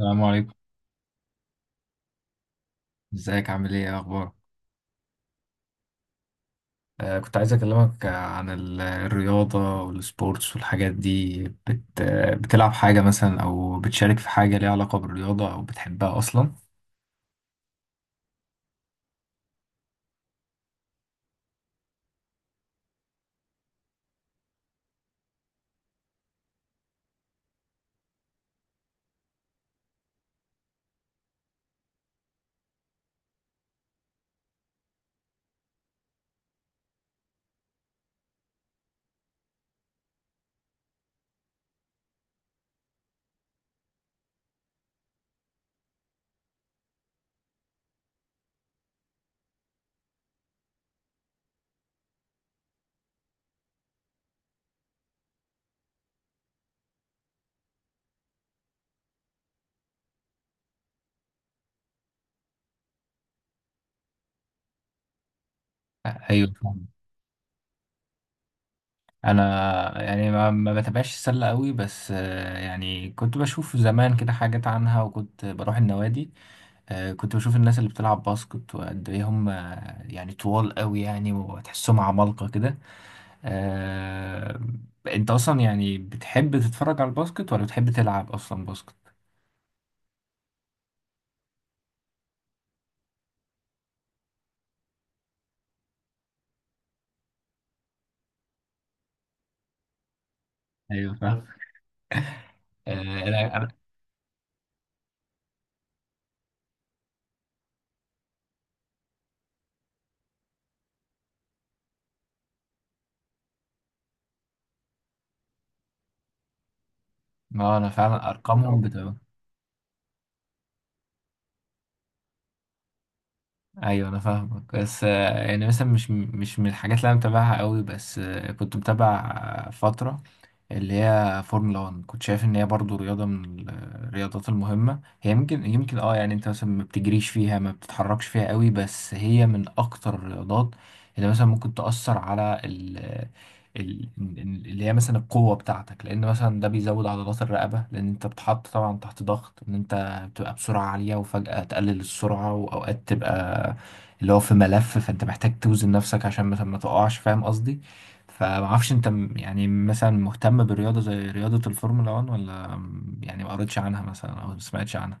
السلام عليكم. ازيك؟ عامل ايه؟ ايه اخبارك؟ كنت عايز اكلمك، عن الرياضة والسبورتس والحاجات دي، بت آه، بتلعب حاجة مثلا او بتشارك في حاجة ليها علاقة بالرياضة او بتحبها اصلا؟ آه، ايوه فاهم. انا يعني ما بتابعش السلة قوي، بس يعني كنت بشوف زمان كده حاجات عنها، وكنت بروح النوادي. كنت بشوف الناس اللي بتلعب باسكت وقد ايه هم، يعني طوال قوي يعني، وتحسهم عمالقة كده. آه... انت اصلا يعني بتحب تتفرج على الباسكت ولا بتحب تلعب اصلا باسكت؟ ايوه فاهم. آه... انا ما انا فعلا ارقامهم بتبقى. ايوه انا فاهمك، بس يعني مثلا مش من الحاجات اللي انا متابعها قوي، بس كنت متابع فترة اللي هي فورمولا 1. كنت شايف ان هي برضو رياضة من الرياضات المهمة. هي يمكن يعني انت مثلا ما بتجريش فيها، ما بتتحركش فيها قوي، بس هي من اكتر الرياضات اللي مثلا ممكن تأثر على اللي هي مثلا القوة بتاعتك، لأن مثلا ده بيزود عضلات الرقبة، لأن أنت بتحط طبعا تحت ضغط. إن أنت بتبقى بسرعة عالية وفجأة تقلل السرعة، وأوقات تبقى اللي هو في ملف، فأنت محتاج توزن نفسك عشان مثلا ما تقعش، فاهم قصدي؟ فمعرفش انت، يعني مثلا مهتم برياضة زي رياضة الفورمولا 1، ولا يعني ما قريتش عنها مثلا او ما سمعتش عنها؟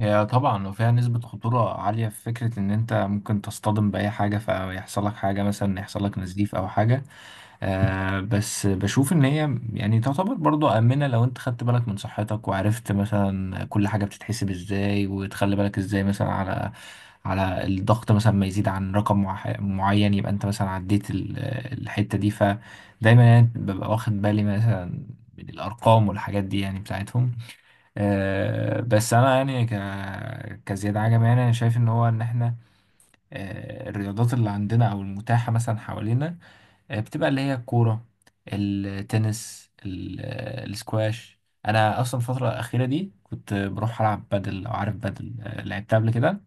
هي طبعا وفيها نسبة خطورة عالية، في فكرة ان انت ممكن تصطدم بأي حاجة فيحصل لك حاجة، مثلا يحصل لك نزيف او حاجة. بس بشوف ان هي يعني تعتبر برضو امنه لو انت خدت بالك من صحتك، وعرفت مثلا كل حاجه بتتحسب ازاي، وتخلي بالك ازاي مثلا على على الضغط مثلا ما يزيد عن رقم معين، يبقى انت مثلا عديت الحته دي. فدايما يعني ببقى واخد بالي مثلا من الارقام والحاجات دي يعني بتاعتهم. بس انا يعني كزياد عجب. يعني انا شايف ان هو ان احنا، الرياضات اللي عندنا او المتاحه مثلا حوالينا، بتبقى اللي هي الكورة، التنس، السكواش. انا اصلا الفترة الأخيرة دي كنت بروح العب بادل. لو عارف بادل، لعبتها قبل كده؟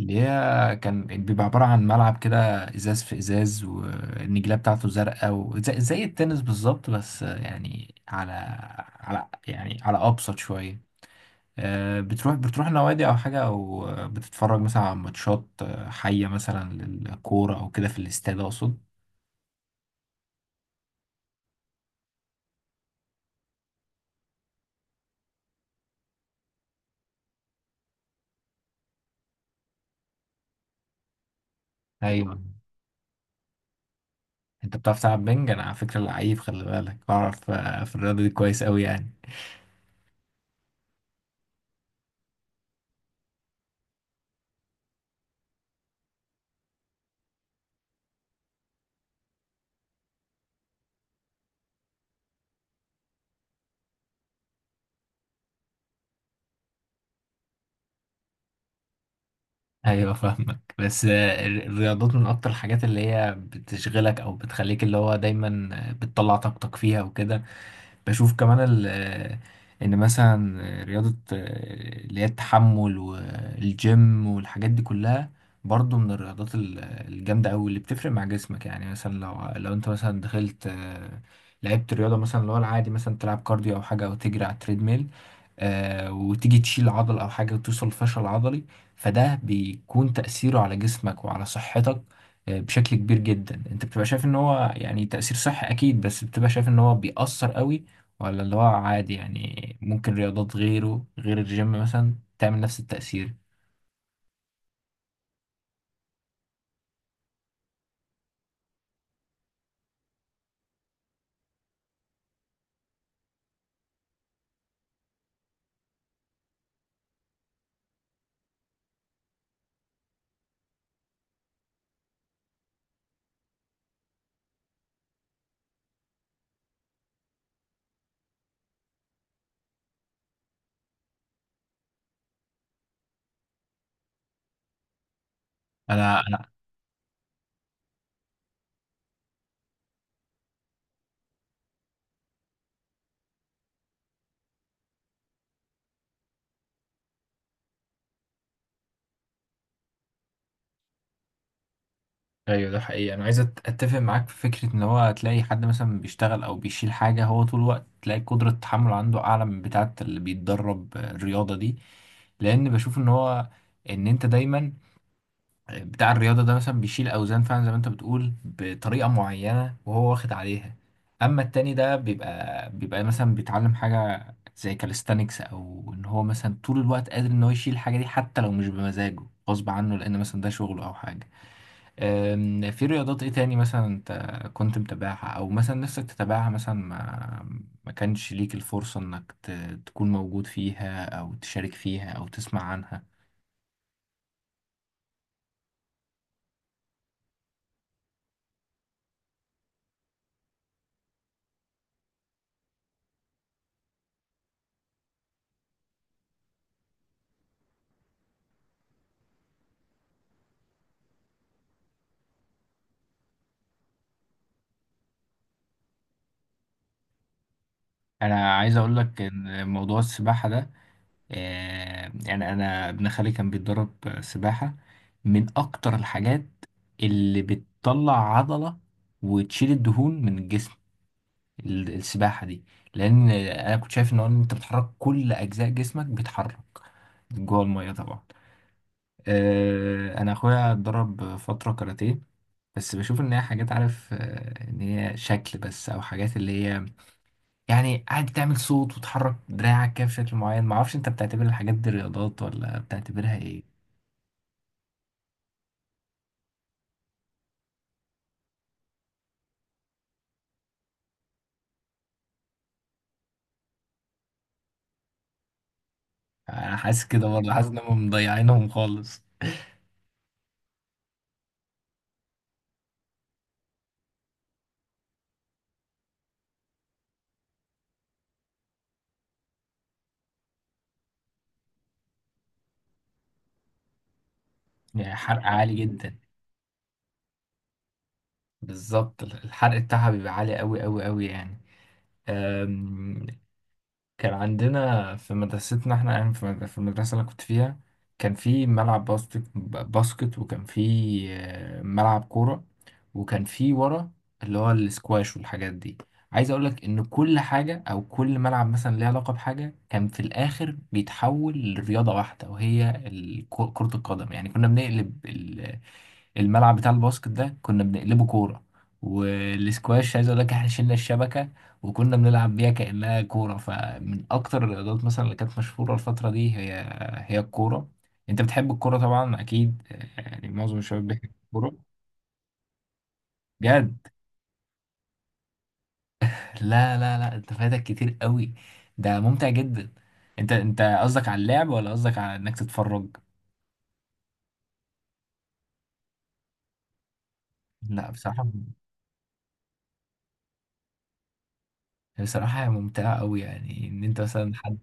اللي هي كان بيبقى عبارة عن ملعب كده، ازاز في ازاز، والنجيلة بتاعته زرقاء، وزي التنس بالظبط، بس يعني على يعني ابسط شوية. بتروح نوادي او حاجة، او بتتفرج مثلا على ماتشات حية مثلا للكورة، او كده في الاستاد، اقصد. ايوه، انت بتعرف تلعب بنج؟ انا على فكره لعيب، خلي بالك، بعرف في الرياضه دي كويس قوي يعني. ايوه فاهمك، بس الرياضات من اكتر الحاجات اللي هي بتشغلك او بتخليك اللي هو دايما بتطلع طاقتك فيها وكده. بشوف كمان ان مثلا رياضه اللي هي التحمل والجيم والحاجات دي كلها، برضو من الرياضات الجامده قوي، اللي بتفرق مع جسمك. يعني مثلا لو انت مثلا دخلت لعبت رياضه مثلا اللي هو العادي، مثلا تلعب كارديو او حاجه، او تجري على التريدميل، وتيجي تشيل عضل او حاجه، وتوصل لفشل عضلي، فده بيكون تاثيره على جسمك وعلى صحتك بشكل كبير جدا. انت بتبقى شايف ان هو يعني تاثير صحي اكيد، بس بتبقى شايف ان هو بيأثر قوي، ولا اللي هو عادي يعني ممكن رياضات غيره غير الجيم مثلا تعمل نفس التأثير؟ انا ايوه، ده حقيقي. انا عايز اتفق معاك في فكره ان هو تلاقي حد مثلا بيشتغل او بيشيل حاجه هو طول الوقت، تلاقي قدره التحمل عنده اعلى من بتاعه اللي بيتدرب الرياضه دي، لان بشوف ان هو ان انت دايما بتاع الرياضه ده مثلا بيشيل اوزان فعلا زي ما انت بتقول بطريقه معينه، وهو واخد عليها. اما التاني ده بيبقى مثلا بيتعلم حاجه زي كاليستانكس، او ان هو مثلا طول الوقت قادر ان هو يشيل الحاجه دي حتى لو مش بمزاجه، غصب عنه، لان مثلا ده شغله او حاجه. في رياضات ايه تاني مثلا انت كنت متابعها، او مثلا نفسك تتابعها مثلا ما كانش ليك الفرصة انك تكون موجود فيها، او تشارك فيها، او تسمع عنها؟ انا عايز اقول لك ان موضوع السباحة ده، يعني انا ابن خالي كان بيتدرب سباحة، من اكتر الحاجات اللي بتطلع عضلة وتشيل الدهون من الجسم، السباحة دي. لأن أنا كنت شايف إن هو إن أنت بتحرك كل أجزاء جسمك، بيتحرك جوه المية طبعا. أنا أخويا اتدرب فترة كاراتيه، بس بشوف إن هي حاجات، عارف، إن هي شكل بس، أو حاجات اللي هي يعني قاعد تعمل صوت وتحرك دراعك كده بشكل معين. معرفش أنت بتعتبر الحاجات دي رياضات، ولا بتعتبرها إيه؟ أنا حاسس كده برضه، حاسس إن هم مضيعينهم خالص. يعني حرق عالي جدا. بالظبط، الحرق بتاعها بيبقى عالي أوي أوي أوي. يعني كان عندنا في مدرستنا، احنا يعني في المدرسة اللي أنا كنت فيها، كان في ملعب باسكت باسكت، وكان في ملعب كورة، وكان في ورا اللي هو السكواش والحاجات دي. عايز اقولك ان كل حاجة، او كل ملعب مثلا ليه علاقة بحاجة، كان في الاخر بيتحول لرياضة واحدة، وهي كرة القدم. يعني كنا بنقلب الملعب بتاع الباسكت ده، كنا بنقلبه كورة، والسكواش، عايز اقول لك احنا شلنا الشبكة وكنا بنلعب بيها كأنها كورة. فمن اكتر الرياضات مثلا اللي كانت مشهورة الفترة دي، هي هي الكورة. انت بتحب الكورة طبعا اكيد، يعني معظم الشباب بيحب الكورة. بجد؟ لا لا لا، انت فايتك كتير قوي، ده ممتع جدا. انت قصدك على اللعب، ولا قصدك على انك تتفرج؟ لا، بصراحة. بصراحة هي ممتعة قوي، يعني ان انت مثلا حد.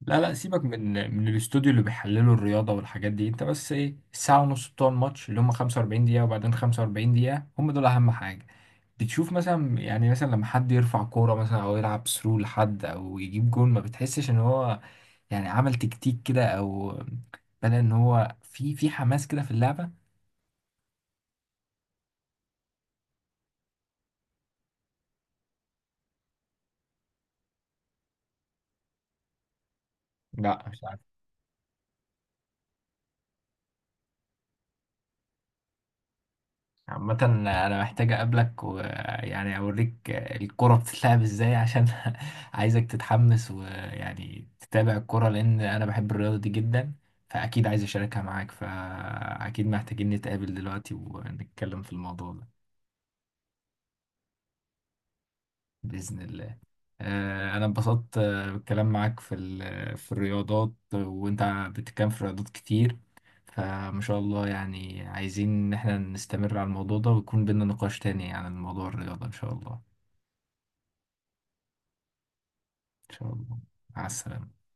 لا لا، سيبك من الاستوديو اللي بيحللوا الرياضة والحاجات دي، انت بس ايه الساعة ونص بتوع الماتش اللي هم 45 دقيقة، وبعدين 45 دقيقة، هم دول أهم حاجة. بتشوف مثلا يعني مثلا لما حد يرفع كورة مثلا أو يلعب ثرو لحد، أو يجيب جون، ما بتحسش إن هو يعني عمل تكتيك كده، أو بدأ إن هو في حماس كده في اللعبة؟ لا، مش عارف. عامة أنا محتاج أقابلك ويعني أوريك الكرة بتتلعب إزاي، عشان عايزك تتحمس ويعني تتابع الكرة، لأن أنا بحب الرياضة دي جدا، فأكيد عايز أشاركها معاك، فأكيد محتاجين نتقابل دلوقتي ونتكلم في الموضوع ده. بإذن الله. أنا انبسطت بالكلام معاك في في الرياضات، وأنت بتتكلم في رياضات كتير، فما شاء الله، يعني عايزين إن احنا نستمر على الموضوع ده، ويكون بينا نقاش تاني عن الموضوع الرياضة إن شاء الله. إن شاء الله. مع السلامة.